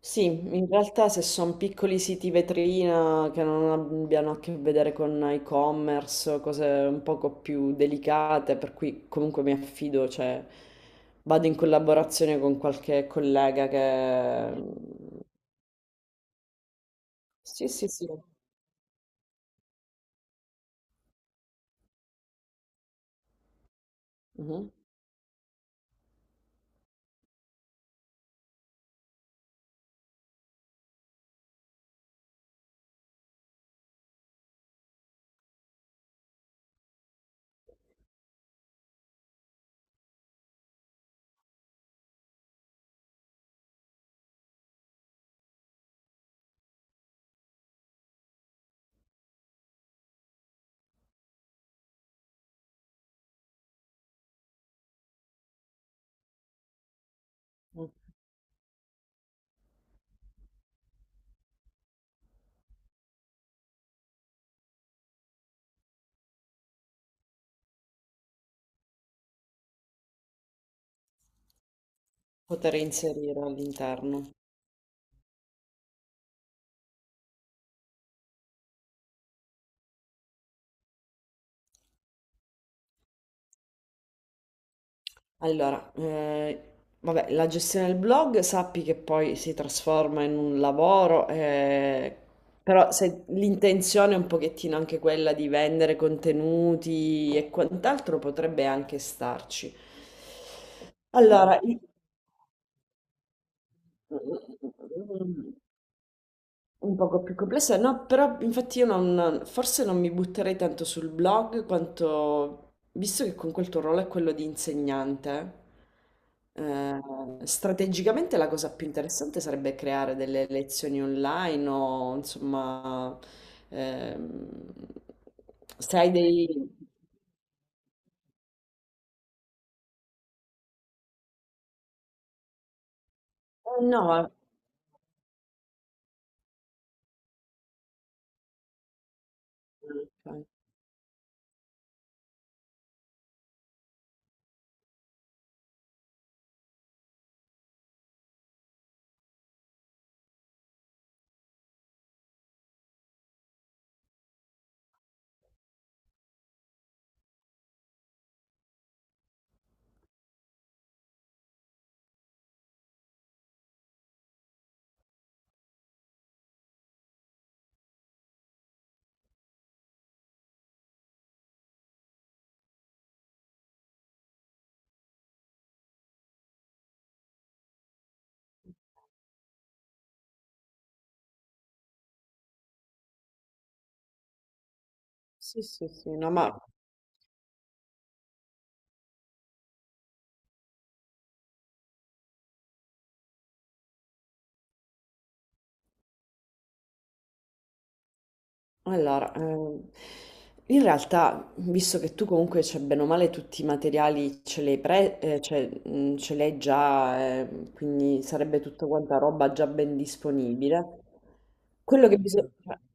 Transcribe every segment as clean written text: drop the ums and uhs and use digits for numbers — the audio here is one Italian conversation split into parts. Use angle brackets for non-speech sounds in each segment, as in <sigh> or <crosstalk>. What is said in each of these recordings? Sì, in realtà se sono piccoli siti vetrina che non abbiano a che vedere con e-commerce, cose un poco più delicate, per cui comunque mi affido, cioè vado in collaborazione con qualche collega che sì, sì, sì, mhm, poter inserire all'interno. Allora, eh, vabbè, la gestione del blog sappi che poi si trasforma in un lavoro, però se l'intenzione è un pochettino anche quella di vendere contenuti e quant'altro potrebbe anche starci. Allora, i- un poco più complessa, no, però infatti io non, forse non mi butterei tanto sul blog quanto, visto che con quel tuo ruolo è quello di insegnante, eh, strategicamente la cosa più interessante sarebbe creare delle lezioni online o insomma, ehm, se hai dei... no, ok. Sì, sì, sì, no, ma... Allora, ehm, in realtà, visto che tu comunque c'è bene o male tutti i materiali ce l'hai già, quindi sarebbe tutta quanta roba già ben disponibile. Quello che bisogna... Esatto.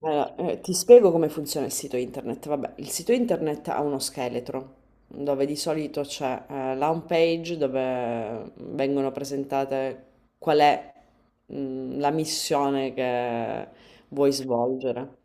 Allora, ti spiego come funziona il sito internet. Vabbè, il sito internet ha uno scheletro dove di solito c'è la home page dove vengono presentate qual è mm, la missione che vuoi svolgere.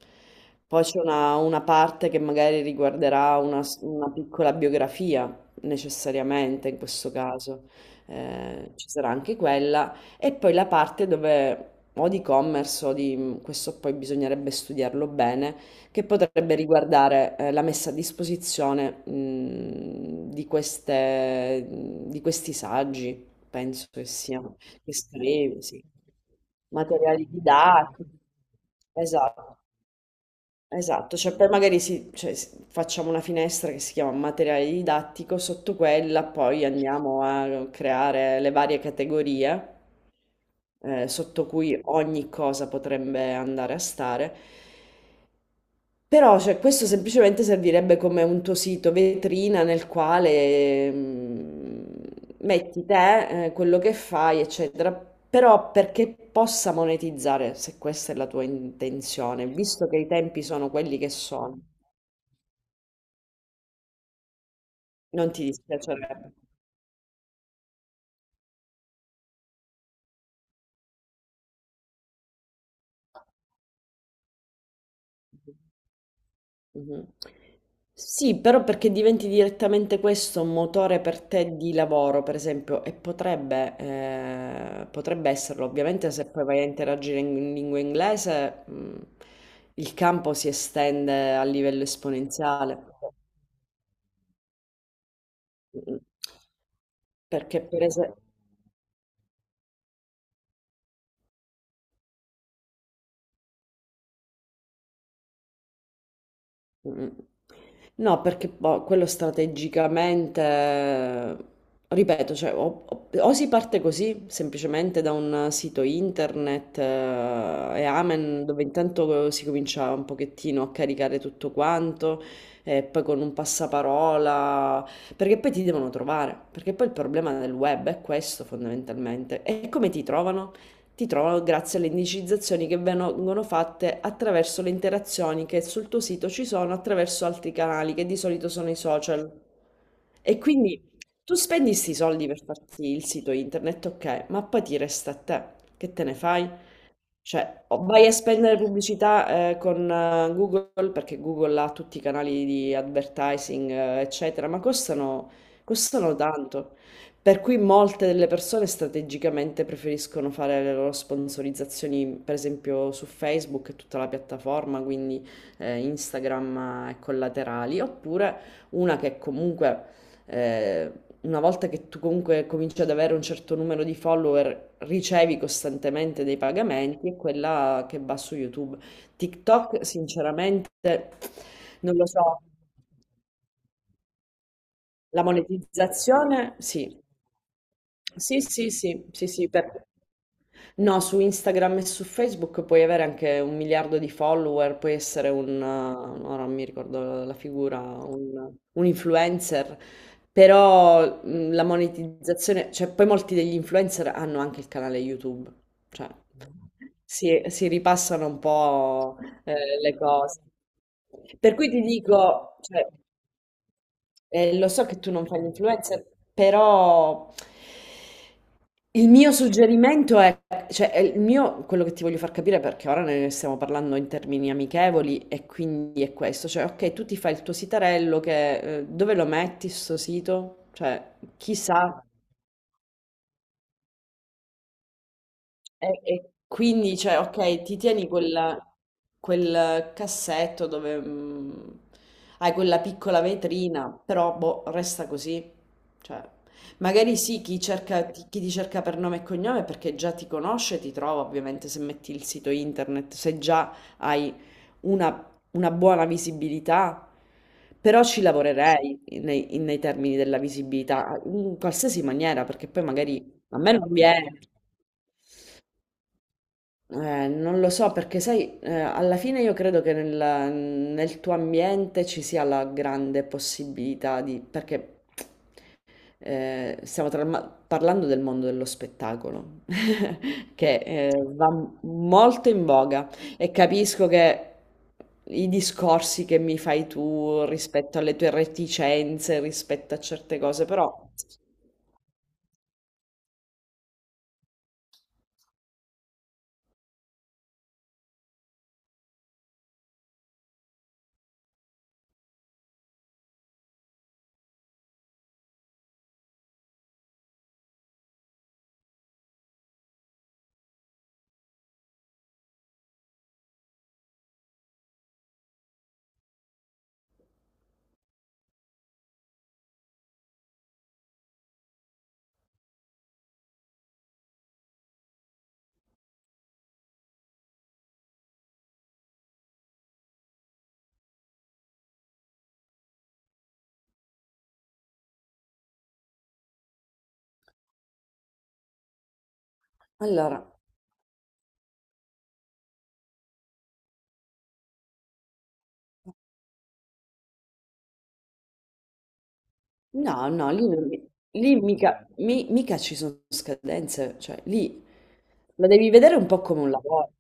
Poi c'è una parte che magari riguarderà una, una piccola biografia, necessariamente in questo caso. Ci sarà anche quella e poi la parte dove o di commerce o di mm, questo poi bisognerebbe studiarlo bene, che potrebbe riguardare la messa a disposizione di queste, mm, di questi saggi, penso che siano, che scrivi, sì. Materiali didattici. Esatto. Esatto, cioè poi magari si- cioè, si- facciamo una finestra che si chiama materiale didattico, sotto quella poi andiamo a creare le varie categorie sotto cui ogni cosa potrebbe andare a stare però cioè, questo semplicemente servirebbe come un tuo sito vetrina nel quale mm, metti te, quello che fai, eccetera. Però perché possa monetizzare, se questa è la tua intenzione, visto che i tempi sono quelli che sono, non ti dispiacerebbe. Mhm. Sì, però perché diventi direttamente questo un motore per te di lavoro, per esempio, e potrebbe, potrebbe esserlo, ovviamente se poi vai a interagire in lingua inglese, il campo si estende a livello esponenziale. Mm. Perché per esempio... Mm. No, perché boh, quello strategicamente, ripeto, cioè, o si parte così, semplicemente da un sito internet e Amen, dove intanto si comincia un pochettino a caricare tutto quanto, e poi con un passaparola, perché poi ti devono trovare, perché poi il problema del web è questo fondamentalmente. E come ti trovano? Ti trovano grazie alle indicizzazioni che vengono fatte attraverso le interazioni che sul tuo sito ci sono attraverso altri canali, che di solito sono i social. E quindi tu spendi 'sti soldi per farti il sito internet, okay, ma poi ti resta a te. Che te ne fai? Cioè, o vai a spendere pubblicità, con Google, perché Google ha tutti i canali di advertising, eccetera, ma costano, costano tanto. Per cui molte delle persone strategicamente preferiscono fare le loro sponsorizzazioni, per esempio su Facebook e tutta la piattaforma, quindi Instagram e collaterali, oppure una che comunque... eh, una volta che tu comunque cominci ad avere un certo numero di follower, ricevi costantemente dei pagamenti, è quella che va su YouTube. TikTok, sinceramente, non lo so. La monetizzazione, sì. Sì, sì, sì, sì, sì, no, su Instagram e su Facebook puoi avere anche un miliardo di follower, puoi essere un, ora non mi ricordo la figura, un influencer, però la monetizzazione, cioè poi molti degli influencer hanno anche il canale YouTube, cioè si ripassano un po' le cose. Per cui ti dico, cioè, lo so che tu non fai l'influencer, però il mio suggerimento è, cioè, è il mio, quello che ti voglio far capire, perché ora ne stiamo parlando in termini amichevoli, e quindi è questo, cioè, ok, tu ti fai il tuo sitarello, che, dove lo metti sto sito? Cioè, chissà. E quindi, cioè, ok, quel cassetto dove mm, hai quella piccola vetrina, però boh, resta così. Cioè, magari sì, chi ti cerca per nome e cognome perché già ti conosce, ti trova ovviamente se metti il sito internet, se già hai una, una buona visibilità, però ci lavorerei nei, nei termini della visibilità, in qualsiasi maniera, perché poi magari a me non viene. Non lo so perché sai, alla fine io credo che nel, nel tuo ambiente ci sia la grande possibilità di... perché eh, stiamo tra- parlando del mondo dello spettacolo, <laughs> che va molto in voga e capisco che i discorsi che mi fai tu rispetto alle tue reticenze, rispetto a certe cose, però... Allora, no, no, lì, non mi- lì mica, mi- mica ci sono scadenze, cioè lì la devi vedere un po' come un lavoro.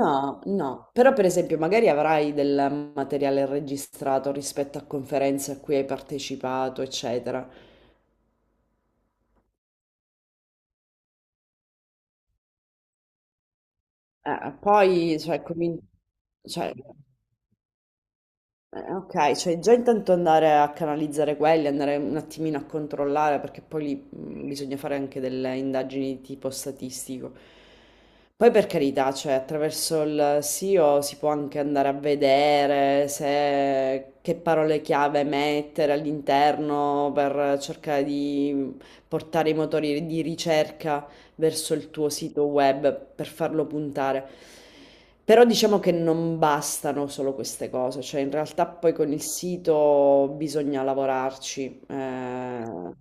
No, no, però per esempio magari avrai del materiale registrato rispetto a conferenze a cui hai partecipato, eccetera. Poi, cioè, comin- cioè, ok, cioè già intanto andare a canalizzare quelli, andare un attimino a controllare, perché poi lì bisogna fare anche delle indagini di tipo statistico. Poi per carità, cioè attraverso il SEO si può anche andare a vedere se, che parole chiave mettere all'interno per cercare di portare i motori di ricerca verso il tuo sito web per farlo puntare. Però diciamo che non bastano solo queste cose, cioè in realtà poi con il sito bisogna lavorarci.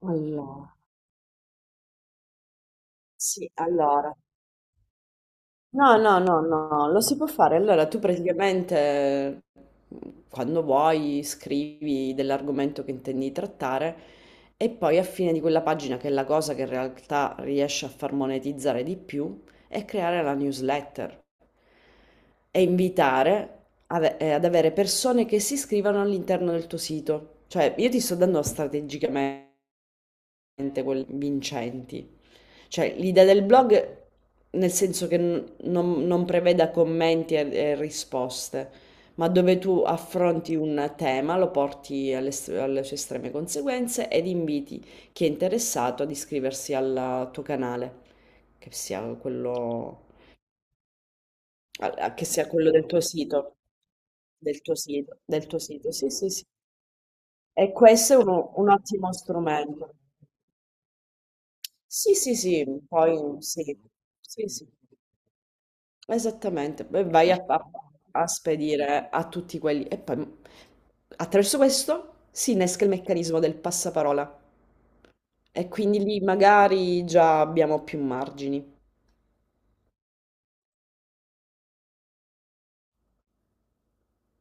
allora, sì, allora. No, no, no, no, lo si può fare. Allora, tu praticamente mm, quando vuoi scrivi dell'argomento che intendi trattare e poi a fine di quella pagina, che è la cosa che in realtà riesce a far monetizzare di più, è creare la newsletter e invitare ad avere persone che si iscrivano all'interno del tuo sito. Cioè, io ti sto dando strategicamente quelle vincenti. Cioè, l'idea del blog, nel senso che non preveda commenti e risposte, ma dove tu affronti un tema, lo porti alle sue estreme conseguenze ed inviti chi è interessato ad iscriversi al tuo canale, che sia quello, che sia quello del tuo sito. Del tuo sito, del tuo sito, sì, sì, sì. Un ottimo strumento. Sì, sì, sì, poi sì, sì, sì. Esattamente, poi a spedire a tutti quelli e poi attraverso questo si innesca il meccanismo del passaparola e quindi lì magari già abbiamo più margini.